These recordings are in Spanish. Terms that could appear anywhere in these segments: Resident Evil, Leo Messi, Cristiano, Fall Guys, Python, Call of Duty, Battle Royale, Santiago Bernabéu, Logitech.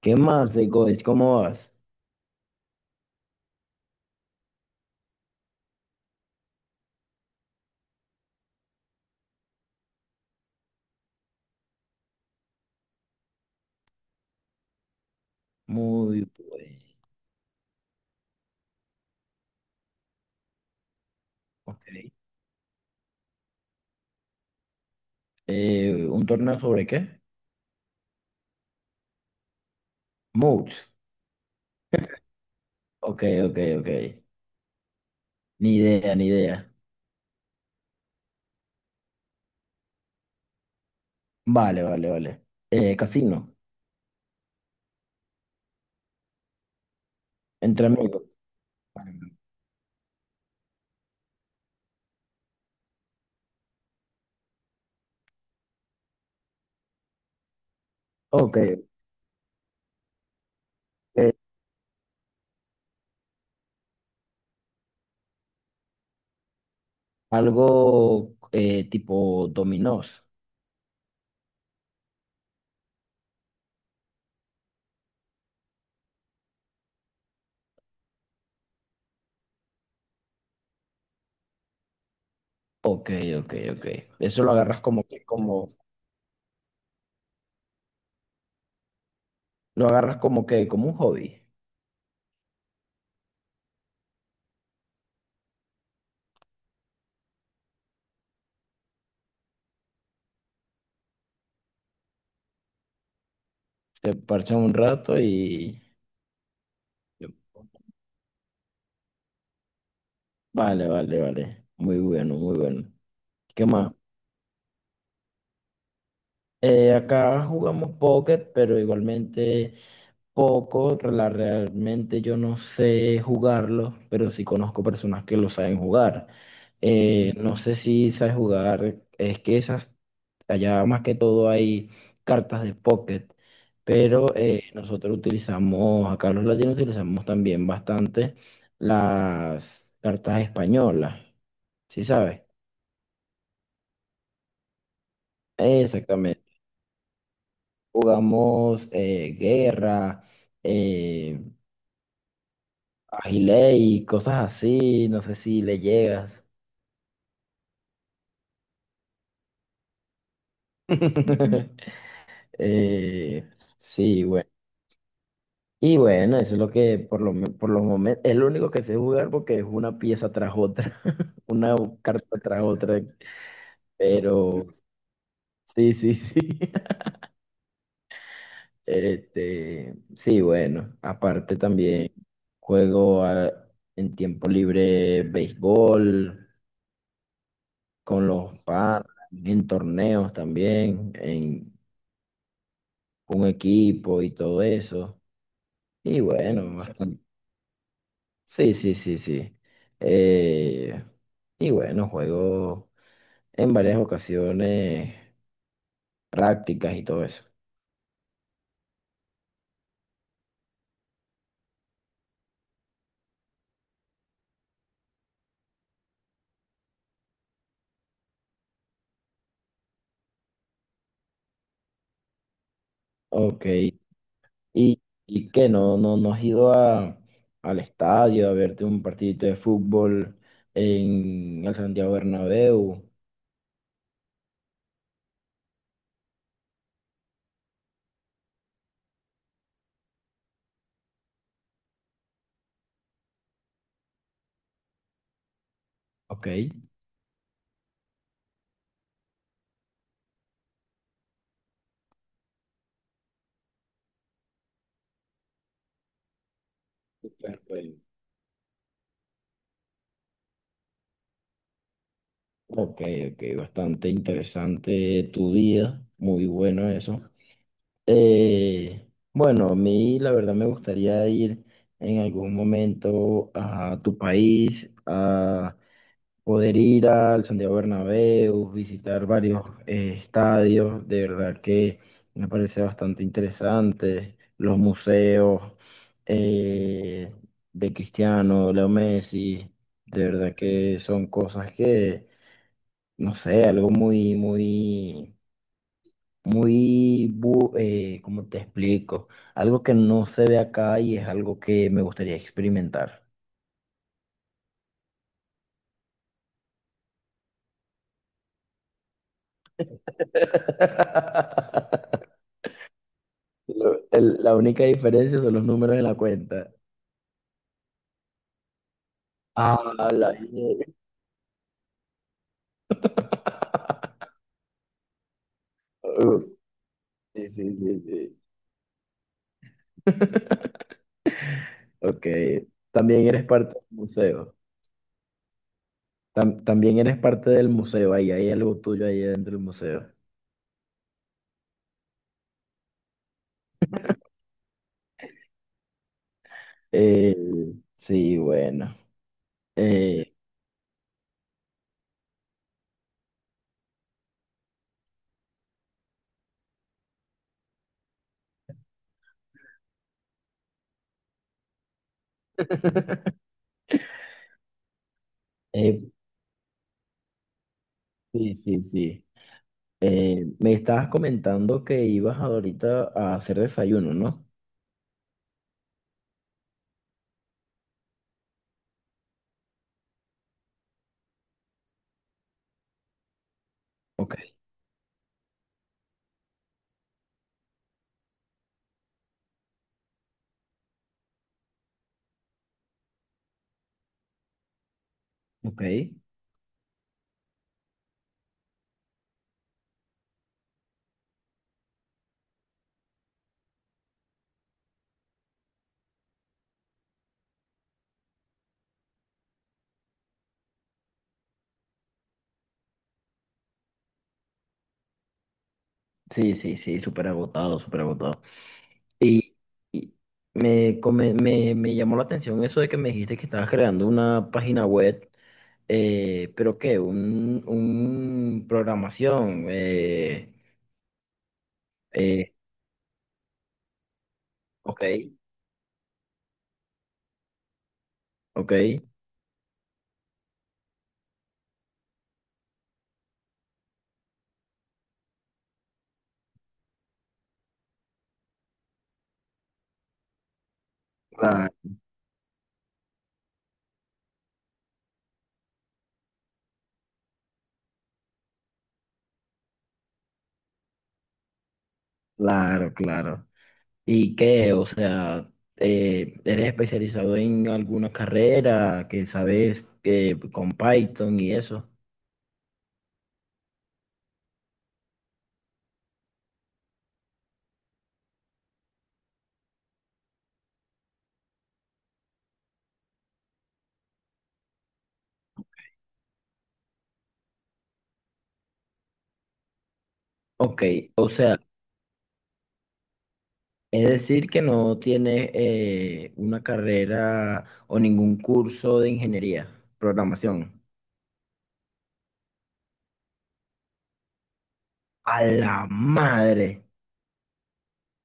¿Qué más, Godes? ¿Cómo vas? Muy bien. Ok. ¿Un torneo sobre qué? Moods. Ok, ok, ok. Ni idea, ni idea. Vale, vale, vale. Casino. Entre amigos. Ok. eh, Algo tipo dominós. Ok, ok, ok. Eso lo agarras como que, como, lo agarras como que, como un hobby. Te parchas un rato y... Vale, vale, vale. Muy bueno, muy bueno. ¿Qué más? Acá jugamos póker, pero igualmente poco. Realmente yo no sé jugarlo, pero sí conozco personas que lo saben jugar. No sé si sabes jugar, es que esas, allá más que todo hay cartas de pocket, pero nosotros utilizamos, acá los latinos utilizamos también bastante las cartas españolas, ¿sí sabes? Exactamente. Jugamos guerra, eh, agilé y cosas así. No sé si le llegas. Eh, sí, bueno. Y bueno, eso es lo que por lo, por los momentos es lo único que sé jugar porque es una pieza tras otra, una carta tras otra. Pero sí, sí, sí. Este, sí, bueno. Aparte también juego a- en tiempo libre béisbol, con los padres en torneos también, en un equipo y todo eso. Y bueno, bastante. Sí, sí, sí, sí. Eh, y bueno, juego en varias ocasiones prácticas y todo eso. Ok. Y qué? ¿No has ido a, al estadio a verte un partidito de fútbol en el Santiago Bernabéu? Ok. Súper, pues. Ok, ok, bastante interesante tu día, muy bueno eso. Eh, bueno, a mí la verdad me gustaría ir en algún momento a tu país, a poder ir al Santiago Bernabéu, visitar varios estadios, de verdad que me parece bastante interesante, los museos eh, de Cristiano, Leo Messi, de verdad que son cosas que no sé, algo muy, muy, muy, ¿cómo te explico? Algo que no se ve acá y es algo que me gustaría experimentar. La única diferencia son los números en la cuenta. Ah, la mierda. Uf, sí, sí, sí, sí. Ok, también eres parte del museo. También eres parte del museo, ahí hay algo tuyo ahí dentro del museo. Eh, sí, bueno. Eh, eh, sí, sí, sí. Me estabas comentando que ibas ahorita a hacer desayuno, ¿no? Ok, ok. Sí, sí, sí, súper agotado, súper agotado. Y, y me llamó la atención eso de que me dijiste que estabas creando una página web, pero ¿qué? Un programación. Eh, ok, ok. Claro, claro, claro. ¿Y qué? O sea, ¿eres especializado en alguna carrera que sabes que con Python y eso? Ok, o sea, es decir que no tienes una carrera o ningún curso de ingeniería, programación. A la madre,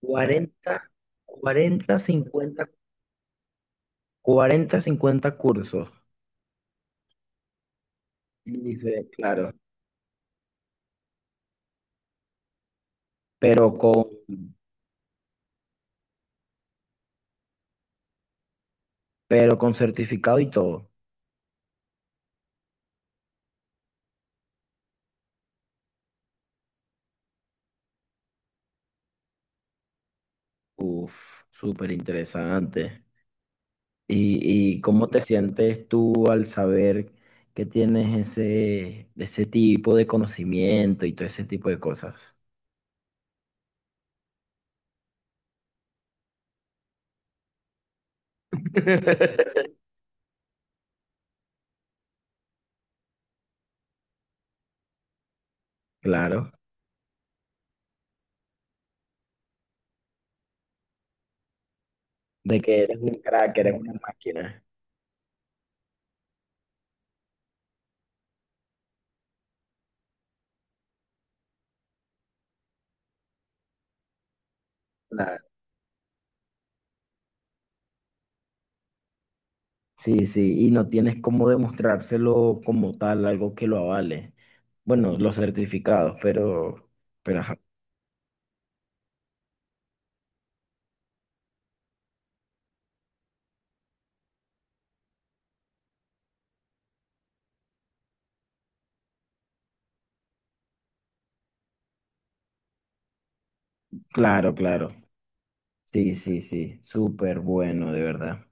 40, 40, 50, 40, 50 cursos. Claro, pero con, pero con certificado y todo. Uf, súper interesante. Y cómo te sientes tú al saber que tienes ese, ese tipo de conocimiento y todo ese tipo de cosas? Claro, de que eres un crack, eres una máquina. Claro. Sí, sí, y no tienes cómo demostrárselo como tal, algo que lo avale. Bueno, los certificados, pero ajá. Claro, claro. Sí, sí, sí, súper bueno, de verdad.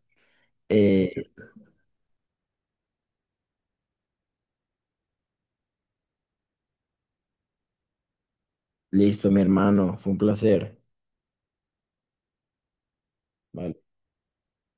Eh, listo, mi hermano, fue un placer. Vale.